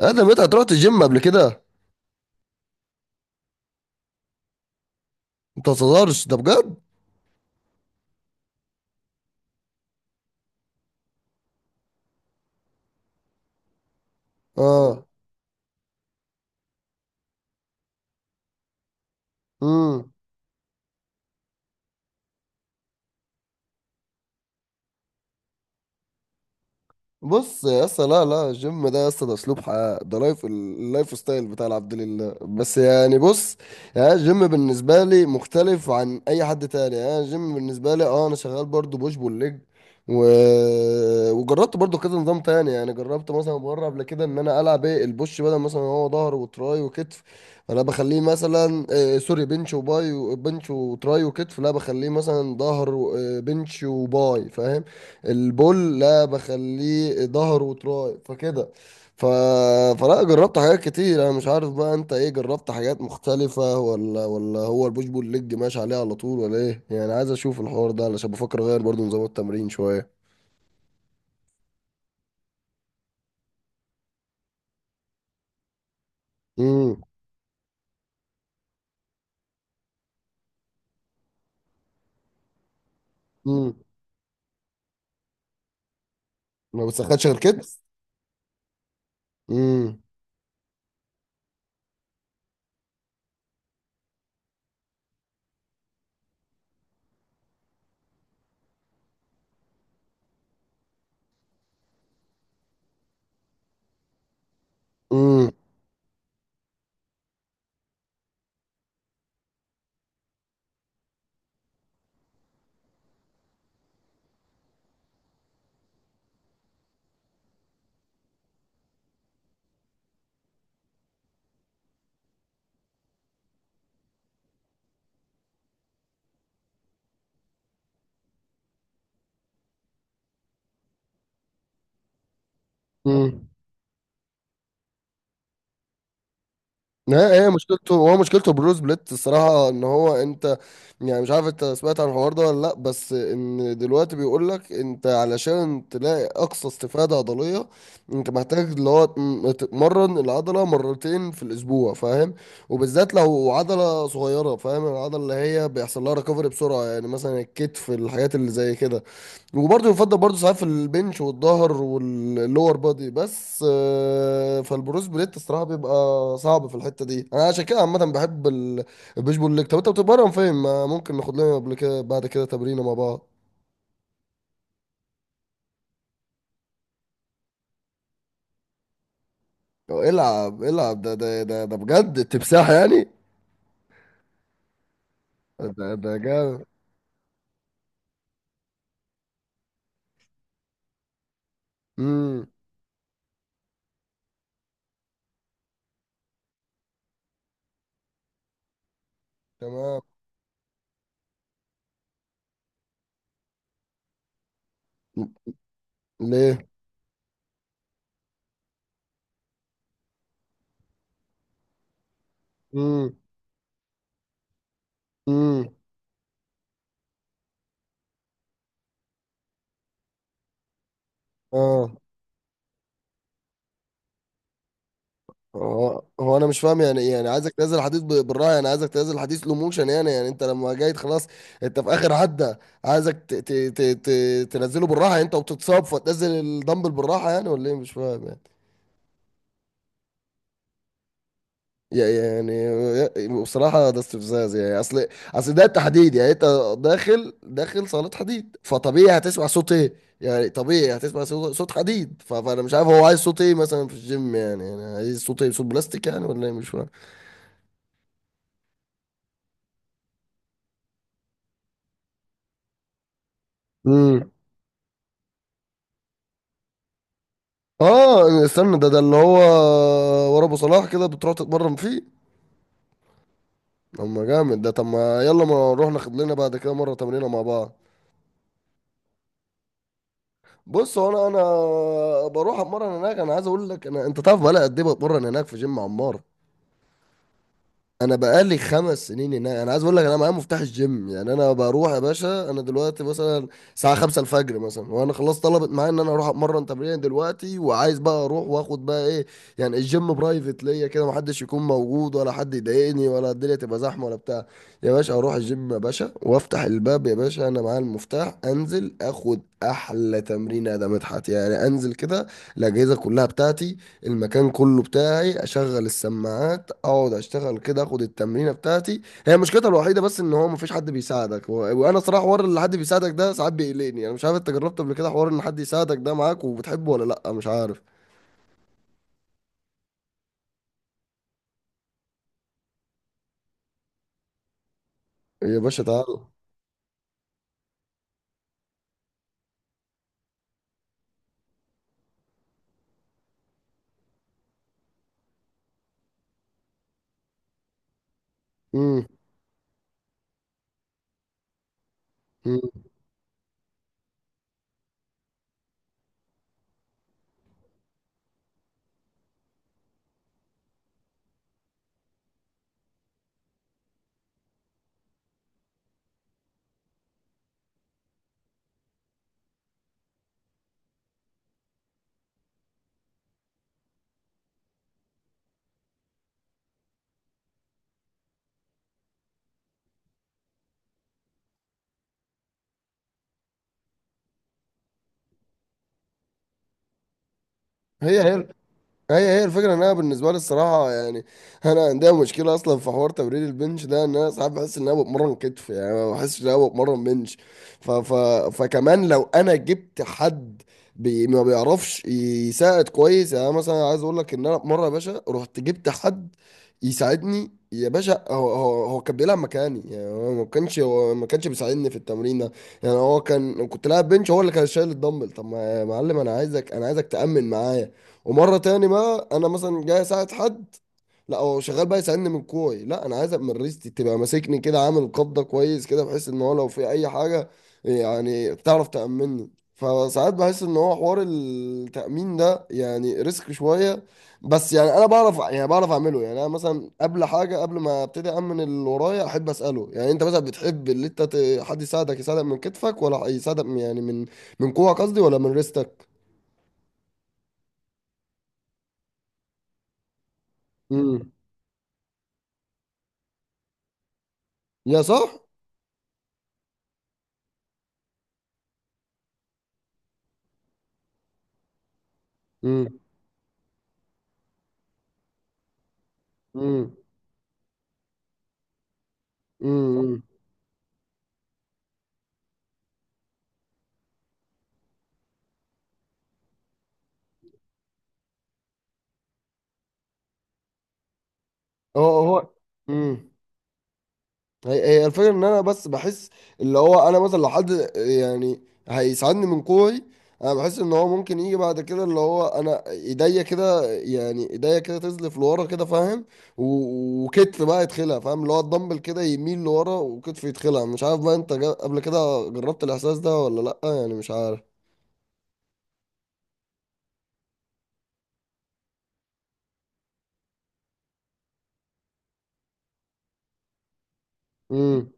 ادم، انت هتروح الجيم قبل كده؟ انت ما تهزرش، ده بجد. اه. امم. بص يا اسطى، لا لا، الجيم ده يا اسطى ده اسلوب حياه، ده اللايف ستايل بتاع العبد لله، بس يعني بص. يعني الجيم بالنسبه لي مختلف عن اي حد تاني، يعني الجيم بالنسبه لي اه انا شغال برضو بوش بول ليج و... وجربت برضو كذا نظام تاني، يعني جربت مثلا مره قبل كده ان انا العب ايه البوش، بدل مثلا هو ظهر وتراي وكتف. انا بخليه مثلا آه سوري بنش وباي بنش وتراي وكتف، لا بخليه مثلا ظهر بنش وباي، فاهم؟ البول لا بخليه ظهر وتراي، فكده. ف... فلا جربت حاجات كتير، انا مش عارف بقى انت ايه جربت حاجات مختلفة، ولا هو البوش بول ليج ماشي عليه على طول ولا ايه؟ يعني عايز اشوف الحوار ده علشان بفكر اغير برضو نظام التمرين شوية. امم. امم. ما بتسخنش غير كده؟ امم. امم. لا، هي مشكلته هو مشكلته بروس بليت الصراحة، ان هو انت يعني مش عارف انت سمعت عن الحوار ده ولا لا، بس ان دلوقتي بيقول لك انت علشان تلاقي اقصى استفادة عضلية، انت محتاج اللي هو تتمرن العضلة 2 في الاسبوع، فاهم؟ وبالذات لو عضلة صغيرة، فاهم؟ العضلة اللي هي بيحصل لها ريكفري بسرعة، يعني مثلا الكتف، الحاجات اللي زي كده. وبرضه يفضل برضه ساعات في البنش والظهر واللور بادي، بس آه، فالبروس بليت الصراحه بيبقى صعب في الحته دي. انا عشان كده عامه بحب البوش بول ليج. طب انت بتتمرن فين؟ ما ممكن ناخد لنا قبل كده بعد كده تمرينه مع بعض. أو العب العب ده بجد تمساح يعني. ده ده جامد. امم. تمام. ليه؟ امم. امم. اه. هو هو انا مش فاهم يعني، يعني عايزك تنزل حديث بالراحه؟ يعني عايزك تنزل حديث لو موشن، يعني يعني انت لما جاي خلاص انت في اخر عده، عايزك ت ت ت ت تنزله بالراحه يعني، انت وبتتصاب فتنزل الدمبل بالراحه يعني، ولا ايه؟ مش فاهم يعني. يا- يعني بصراحه ده استفزاز يعني، اصل ده تحديد، يعني انت داخل صاله حديد، فطبيعي هتسمع صوت ايه؟ يعني طبيعي هتسمع صوت صوت حديد، فانا مش عارف هو عايز صوت ايه مثلا في الجيم يعني، يعني عايز صوت ايه؟ صوت بلاستيك يعني، ولا ايه؟ مش فاهم. امم. اه استنى، ده ده اللي هو ورا ابو صلاح كده بتروح تتمرن فيه؟ اما جامد ده، طب ما يلا ما نروح ناخد لنا بعد كده مره تمرينه مع بعض. بص هو انا بروح اتمرن هناك، انا عايز اقول لك انا، انت تعرف بقى قد ايه بتمرن هناك في جيم عمار؟ انا بقالي 5 سنين هناك، انا عايز اقول لك انا معايا مفتاح الجيم يعني، انا بروح يا باشا، انا دلوقتي مثلا الساعه 5 الفجر مثلا وانا خلاص طلبت معايا ان انا اروح اتمرن تمرين دلوقتي، وعايز بقى اروح واخد بقى ايه، يعني الجيم برايفت ليا كده، محدش يكون موجود ولا حد يضايقني ولا الدنيا تبقى زحمه ولا بتاع. يا باشا اروح الجيم يا باشا وافتح الباب يا باشا، انا معايا المفتاح، انزل اخد احلى تمرين يا ده مدحت يعني، انزل كده الاجهزه كلها بتاعتي، المكان كله بتاعي، اشغل السماعات، اقعد اشتغل كده، اخد التمرينه بتاعتي. هي مشكلتها الوحيده بس ان هو مفيش حد بيساعدك وانا صراحه حوار اللي حد بيساعدك ده ساعات بيقلقني. انا مش عارف انت جربت قبل كده حوار ان حد يساعدك ده معاك وبتحبه ولا لا؟ مش عارف. يا باشا تعال. امم. أمم. هي هي هي هي الفكرة ان انا بالنسبة لي الصراحة يعني انا عندي مشكلة اصلا في حوار تمرين البنش ده، ان انا ساعات بحس ان انا بتمرن كتف يعني، ما بحسش ان انا بتمرن بنش. ف ف فكمان لو انا جبت حد بي ما بيعرفش يساعد كويس يعني، أنا مثلا عايز اقول لك ان انا مرة يا باشا رحت جبت حد يساعدني يا باشا، هو كان بيلعب مكاني يعني، هو ما كانش بيساعدني في التمرين ده يعني، هو كان كنت لاعب بنش هو اللي كان شايل الدمبل. طب ما يا معلم انا عايزك تأمن معايا، ومره تاني بقى انا مثلا جاي اساعد حد، لا هو شغال بقى يساعدني من كوعي. لا انا عايزك من ريستي تبقى ماسكني كده، عامل قبضه كويس كده، بحيث ان هو لو في اي حاجه يعني تعرف تامني. فساعات بحس ان هو حوار التامين ده يعني ريسك شويه. بس يعني انا بعرف، يعني بعرف اعمله يعني. انا مثلا قبل حاجه قبل ما ابتدي امن اللي ورايا احب اساله يعني، انت مثلا بتحب اللي انت حد يساعدك، يساعدك من كتفك ولا يساعدك يعني من كوعك قصدي، ولا من ريستك؟ امم. يا صح. امم. امم. امم. هو هو امم. هي هي الفكره ان انا بس بحس اللي هو، انا مثلا لو حد يعني هيساعدني من كوعي، انا بحس ان هو ممكن يجي بعد كده اللي هو انا ايديا كده، يعني ايديا كده تزلف لورا كده، فاهم؟ وكتف بقى يدخلها، فاهم؟ اللي هو الدمبل كده يميل لورا وكتف يدخلها. مش عارف بقى انت قبل كده جربت الاحساس ده ولا لا يعني؟ مش عارف. امم.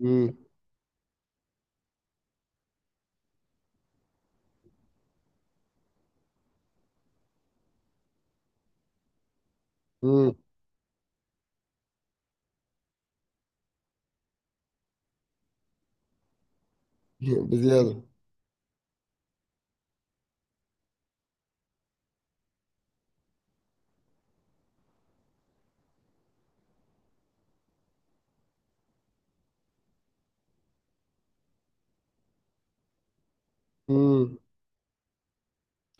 امم. امم. بزياده.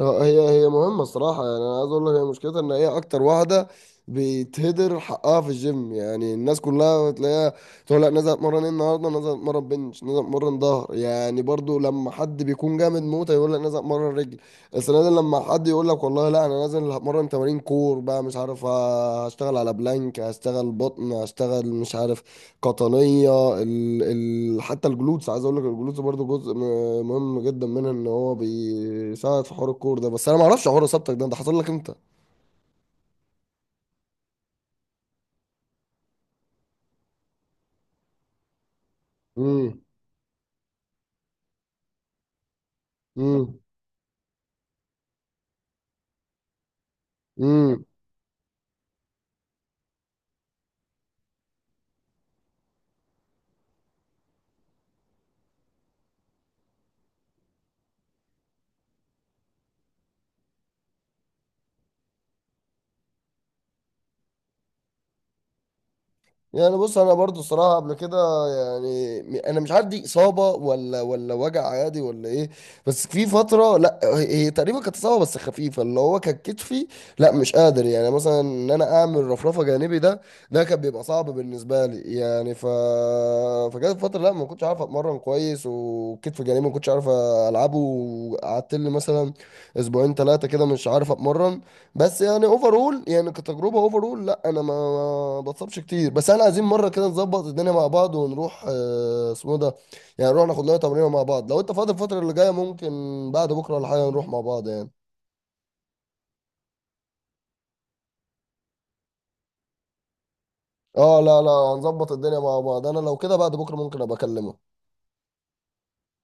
اه، هي هي مهمة الصراحة يعني، أنا عايز أقول لك هي مشكلتها إن هي أكتر واحدة بيتهدر حقها في الجيم يعني، الناس كلها بتلاقيها تقول لك نزل اتمرن ايه النهاردة، نزل اتمرن بنش، نزل اتمرن ظهر، يعني برضو لما حد بيكون جامد موت يقول لك نزل اتمرن رجل. السنة دي لما حد يقول لك والله لا أنا نازل هتمرن تمارين كور بقى، مش عارف آه، هشتغل على بلانك، هشتغل بطن، هشتغل مش عارف قطنية، حتى الجلوتس، عايز اقول لك الجلوتس برضو جزء مهم جدا منها، ان هو بيساعد في حوار الكور ده. بس انا ما اعرفش حوار اصابتك ده حصل لك انت؟ امم. امم. امم. يعني بص انا برضو الصراحه قبل كده يعني، انا مش عارف دي اصابه ولا وجع عادي ولا ايه، بس في فتره، لا هي هي تقريبا كانت اصابه بس خفيفه، اللي هو كان كتفي لا مش قادر، يعني مثلا ان انا اعمل رفرفه جانبي ده، ده كان بيبقى صعب بالنسبه لي يعني. فجت فتره لا ما كنتش عارف اتمرن كويس، وكتف جانبي ما كنتش عارف العبه، وقعدت لي مثلا 2 3 كده مش عارف اتمرن. بس يعني اوفرول يعني كتجربه اوفرول، لا انا ما ما بتصابش كتير. بس احنا عايزين مره كده نظبط الدنيا مع بعض، ونروح آه، اسمه إيه ده، يعني نروح ناخد لنا تمرين مع بعض لو انت فاضي الفتره اللي جايه. ممكن بعد بكره ولا حاجه نروح مع بعض يعني. اه لا لا هنظبط الدنيا مع بعض، انا لو كده بعد بكره ممكن ابقى اكلمك.